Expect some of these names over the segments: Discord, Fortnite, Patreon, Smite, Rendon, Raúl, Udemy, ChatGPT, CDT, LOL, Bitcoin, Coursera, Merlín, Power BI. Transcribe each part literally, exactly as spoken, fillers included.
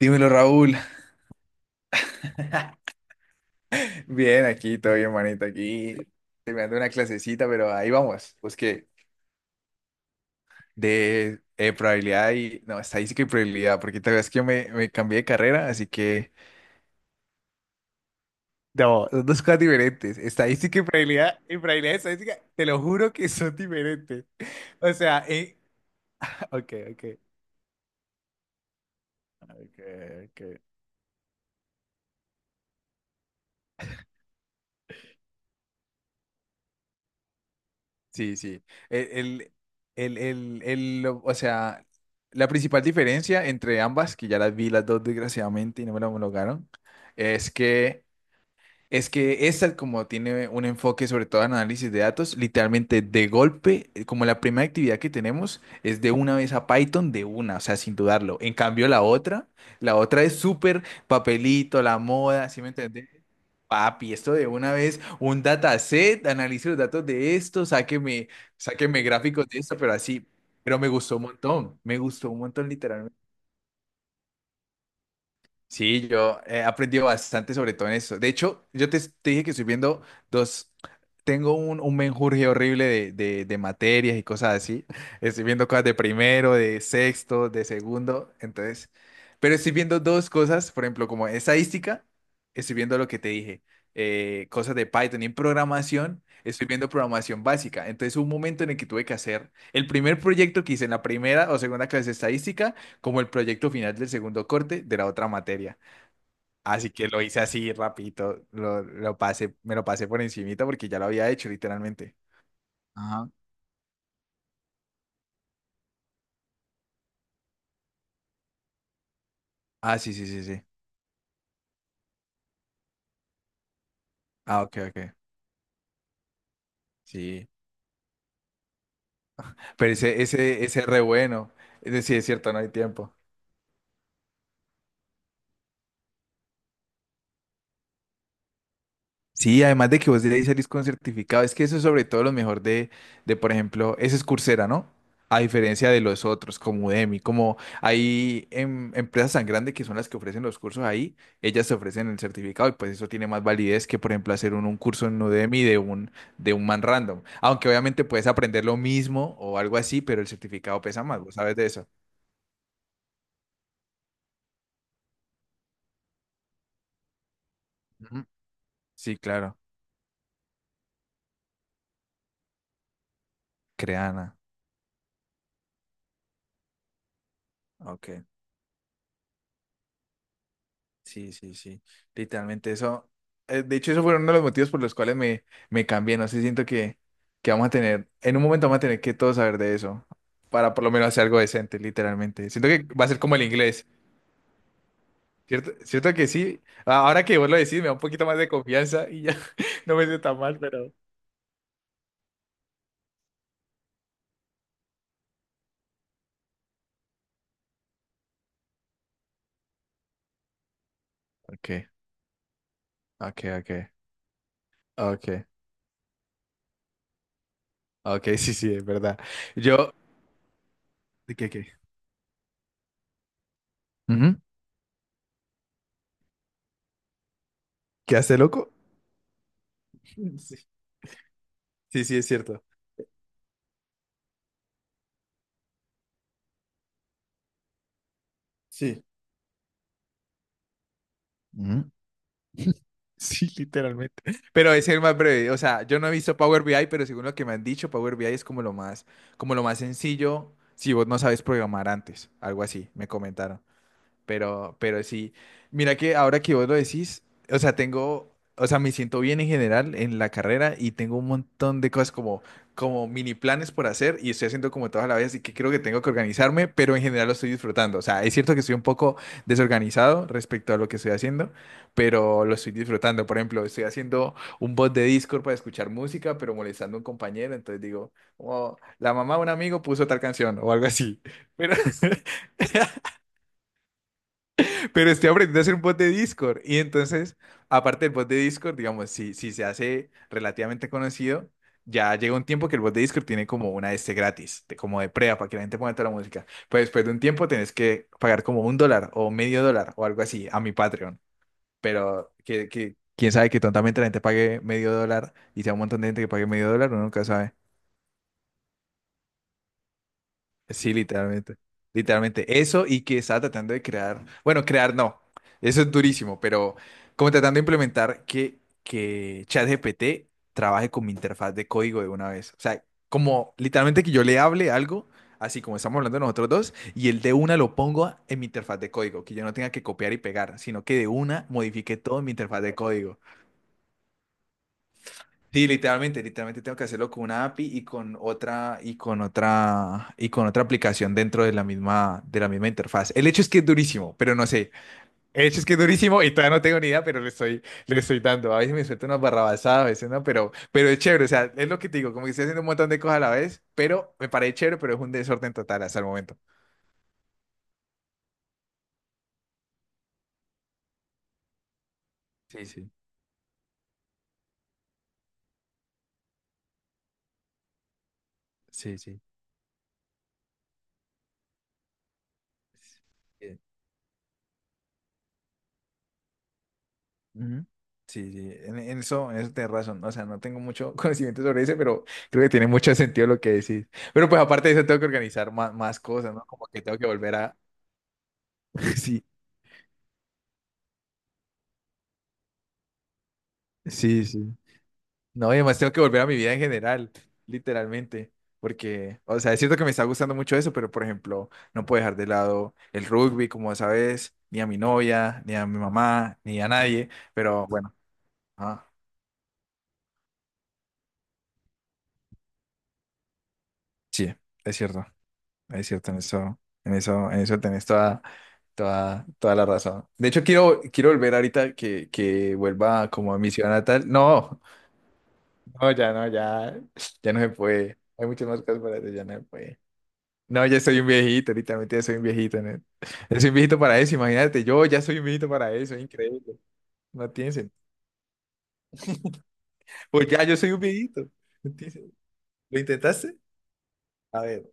Dímelo, Raúl. Bien, aquí, todo bien, manito, aquí terminando una clasecita, pero ahí vamos. Pues que de eh, probabilidad y, no, estadística y probabilidad, porque te ves que me, me cambié de carrera, así que, no, son dos cosas diferentes. Estadística y probabilidad, y probabilidad y estadística, te lo juro que son diferentes. O sea, eh, ok, ok, ok, ok. Sí, sí. El, el, el, el, el- o sea, la principal diferencia entre ambas, que ya las vi las dos desgraciadamente y no me la homologaron, es que es que esta como tiene un enfoque sobre todo en análisis de datos, literalmente de golpe, eh, como la primera actividad que tenemos es de una vez a Python, de una, o sea, sin dudarlo. En cambio la otra, la otra es súper papelito, la moda, ¿sí me entendés? Papi, esto de una vez, un dataset, analice los datos de esto, sáqueme, sáqueme gráficos de esto, pero así, pero me gustó un montón, me gustó un montón. Sí, yo he aprendido bastante sobre todo en eso. De hecho, yo te, te dije que estoy viendo dos, tengo un, un menjurje horrible de, de, de materias y cosas así. Estoy viendo cosas de primero, de sexto, de segundo, entonces, pero estoy viendo dos cosas, por ejemplo, como estadística, estoy viendo lo que te dije, eh, cosas de Python y en programación, estoy viendo programación básica. Entonces, hubo un momento en el que tuve que hacer el primer proyecto que hice en la primera o segunda clase de estadística como el proyecto final del segundo corte de la otra materia. Así que lo hice así rapidito, lo, lo pasé, me lo pasé por encimita porque ya lo había hecho literalmente. Ajá. Ah, sí, sí, sí, sí. Ah, ok, ok. Sí. Pero ese, ese, ese es re bueno. Es decir, es cierto, no hay tiempo. Sí, además de que vos de ahí salís con certificado, es que eso es sobre todo lo mejor de, de, por ejemplo, ese es Coursera, ¿no? A diferencia de los otros, como Udemy, como hay em- empresas tan grandes que son las que ofrecen los cursos ahí, ellas te ofrecen el certificado y pues eso tiene más validez que, por ejemplo, hacer un, un curso en Udemy de un, de un man random. Aunque obviamente puedes aprender lo mismo o algo así, pero el certificado pesa más, vos sabes de eso. Ujú. Sí, claro. Creana. Ok. Sí, sí, sí. Literalmente eso. eh, De hecho, eso fue uno de los motivos por los cuales me, me cambié. No sé, siento que, que vamos a tener, en un momento vamos a tener que todos saber de eso. Para por lo menos hacer algo decente, literalmente. Siento que va a ser como el inglés. ¿Cierto? Cierto que sí. A- Ahora que vos lo decís, me da un poquito más de confianza y ya no me siento tan mal, pero. Ok, ok, ok. Ok. Ok, sí, sí, es verdad. Yo. ¿De qué, qué? Ujú. ¿Quedaste loco? Sí, sí, sí, es cierto. Sí. Ujú. Sí, literalmente. Pero es el más breve. O sea, yo no he visto Power B I, pero según lo que me han dicho, Power B I es como lo más, como lo más sencillo si vos no sabes programar antes. Algo así, me comentaron. Pero, pero sí, mira que ahora que vos lo decís, o sea, tengo, o sea, me siento bien en general en la carrera y tengo un montón de cosas como, como mini planes por hacer y estoy haciendo como todas a la vez, así que creo que tengo que organizarme, pero en general lo estoy disfrutando. O sea, es cierto que estoy un poco desorganizado respecto a lo que estoy haciendo, pero lo estoy disfrutando. Por ejemplo, estoy haciendo un bot de Discord para escuchar música, pero molestando a un compañero, entonces digo, "Oh, la mamá de un amigo puso tal canción o algo así". Pero, pero estoy aprendiendo a hacer un bot de Discord. Y entonces, aparte del bot de Discord, digamos, si, si se hace relativamente conocido, ya llega un tiempo que el bot de Discord tiene como una de este gratis, de- como de prueba, para que la gente ponga toda la música. Pero después de un tiempo tenés que pagar como un dólar o medio dólar o algo así a mi Patreon. Pero que, que quién sabe que tontamente la gente pague medio dólar y sea un montón de gente que pague medio dólar, uno nunca sabe. Sí, literalmente. Literalmente eso y que estaba tratando de crear, bueno, crear no, eso es durísimo, pero como tratando de implementar que, que ChatGPT trabaje con mi interfaz de código de una vez. O sea, como literalmente que yo le hable algo, así como estamos hablando nosotros dos, y el de una lo pongo en mi interfaz de código, que yo no tenga que copiar y pegar, sino que de una modifique todo en mi interfaz de código. Sí, literalmente, literalmente tengo que hacerlo con una A P I y con otra y con otra y con otra aplicación dentro de la misma de la misma interfaz. El hecho es que es durísimo, pero no sé. El hecho es que es durísimo y todavía no tengo ni idea, pero le estoy le estoy dando. A veces me suelto unas barrabasadas, a veces no, pero pero es chévere, o sea, es lo que te digo, como que estoy haciendo un montón de cosas a la vez, pero me parece chévere, pero es un desorden total hasta el momento. Sí, sí, sí, sí. Ujú. Sí, sí, en, en eso, en eso tenés razón. O sea, no tengo mucho conocimiento sobre eso, pero creo que tiene mucho sentido lo que decís. Pero pues aparte de eso tengo que organizar más, más cosas, ¿no? Como que tengo que volver a... Sí, sí, sí. No, y además tengo que volver a mi vida en general, literalmente. Porque, o sea, es cierto que me está gustando mucho eso, pero por ejemplo, no puedo dejar de lado el rugby, como sabes, ni a mi novia, ni a mi mamá, ni a nadie. Pero bueno, ah, sí, es cierto. Es cierto, en eso, en eso, en eso tenés toda, toda, toda la razón. De hecho, quiero, quiero volver ahorita que, que vuelva como a mi ciudad natal. No, no, ya no, ya, ya no se puede. Hay muchas más cosas para hacer, ya no se puede. No, ya soy un viejito, literalmente ya soy un viejito. ¿No? Ya soy un viejito para eso, imagínate, yo ya soy un viejito para eso, es increíble. No tiene sentido. Pues ya yo soy un viejito. No tiene sentido. ¿Lo intentaste? A ver,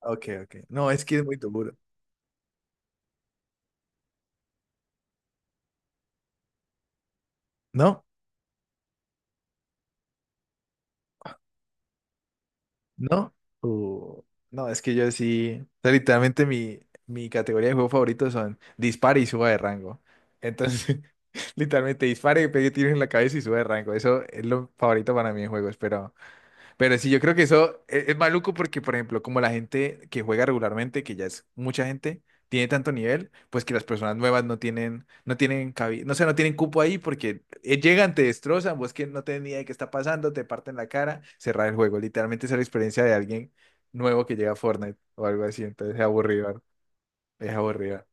ok, ok. No, es que es muy duro. ¿No? ¿No? Uh, no, es que yo sí. O sea, literalmente mi, mi categoría de juego favorito son dispare y suba de rango. Entonces, literalmente dispare, pegue tiros en la cabeza y suba de rango. Eso es lo favorito para mí en juegos. Pero pero sí, yo creo que eso es, es maluco porque, por ejemplo, como la gente que juega regularmente, que ya es mucha gente, tiene tanto nivel, pues que las personas nuevas no tienen, no tienen cabida, no sé, no tienen cupo ahí porque eh, llegan, te destrozan, vos que no tenés ni idea de qué está pasando, te parten la cara, cerrar el juego. Literalmente esa es la experiencia de alguien nuevo que llega a Fortnite o algo así, entonces es aburrido, ¿no? Es aburrido.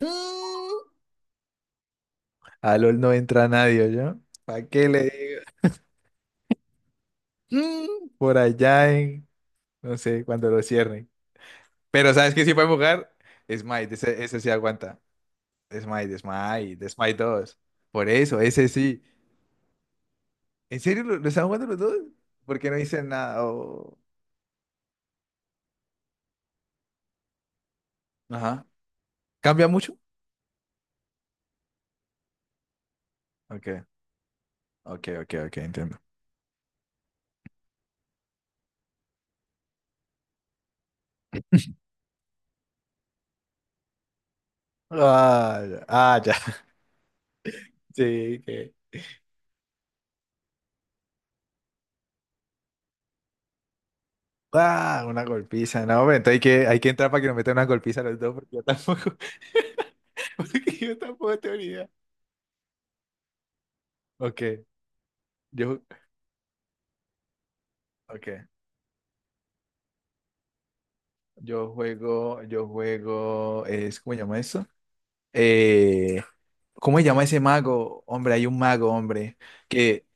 Mm, a LOL no entra nadie, ¿yo? ¿Para qué le digo? Mm, por allá en, no sé, cuando lo cierren. Pero ¿sabes qué sí puede jugar? Smite, ese, ese sí aguanta. Smite, Smite, Smite dos. Por eso, ese sí. ¿En serio lo, lo están jugando los dos? ¿Por qué no dicen nada? O- Ajá. ¿Cambia mucho? Ok, ok, ok, ok, entiendo. Ah, ya. Ah, ya. Sí, que. Ah, una golpiza. No, hombre, entonces hay que, hay que entrar para que nos metan una golpiza a los dos, porque yo tampoco. Porque yo tampoco tengo ni idea. Ok, yo, okay. Yo juego, yo juego, es, ¿cómo se llama eso? eh, ¿Cómo se llama ese mago? Hombre, hay un mago, hombre, que, eh,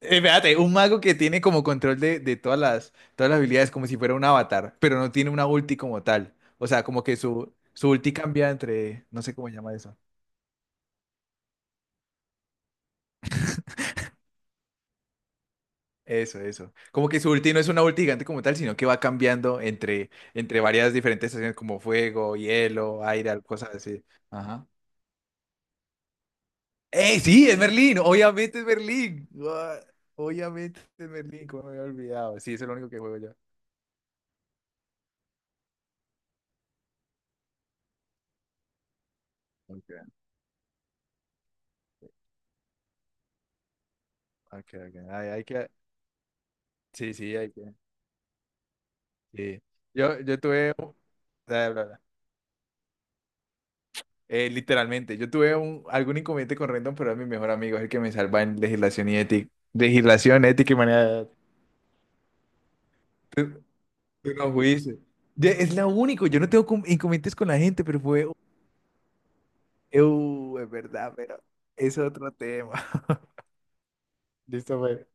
espérate, un mago que tiene como control de, de todas las, todas las habilidades, como si fuera un avatar, pero no tiene una ulti como tal. O sea, como que su, su ulti cambia entre, no sé cómo se llama eso. Eso, eso. Como que su ulti no es una ulti gigante como tal, sino que va cambiando entre, entre varias diferentes estaciones como fuego, hielo, aire, cosas así. Ajá. ¡Eh, sí, es Merlín! Obviamente es Merlín. Gua- obviamente es Merlín, como me había olvidado. Sí, es el único que juego yo. Ok, ok, ok. Ay, hay que... Sí, sí, hay que... Sí. Yo, yo tuve... un- bla, bla, bla. Eh, literalmente, yo tuve un, algún inconveniente con Rendon, pero es mi mejor amigo, es el que me salva en legislación y ética. Legislación, ética y manera de... Tú no fuiste. De los juicios. Ya, es lo único, yo no tengo com- inconvenientes con la gente, pero fue... Uh, es verdad, pero es otro tema. Listo, pues.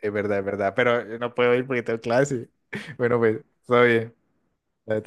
Es verdad, es verdad, pero eh, no puedo ir porque tengo clase. Bueno, pues, todo bien, todo bien.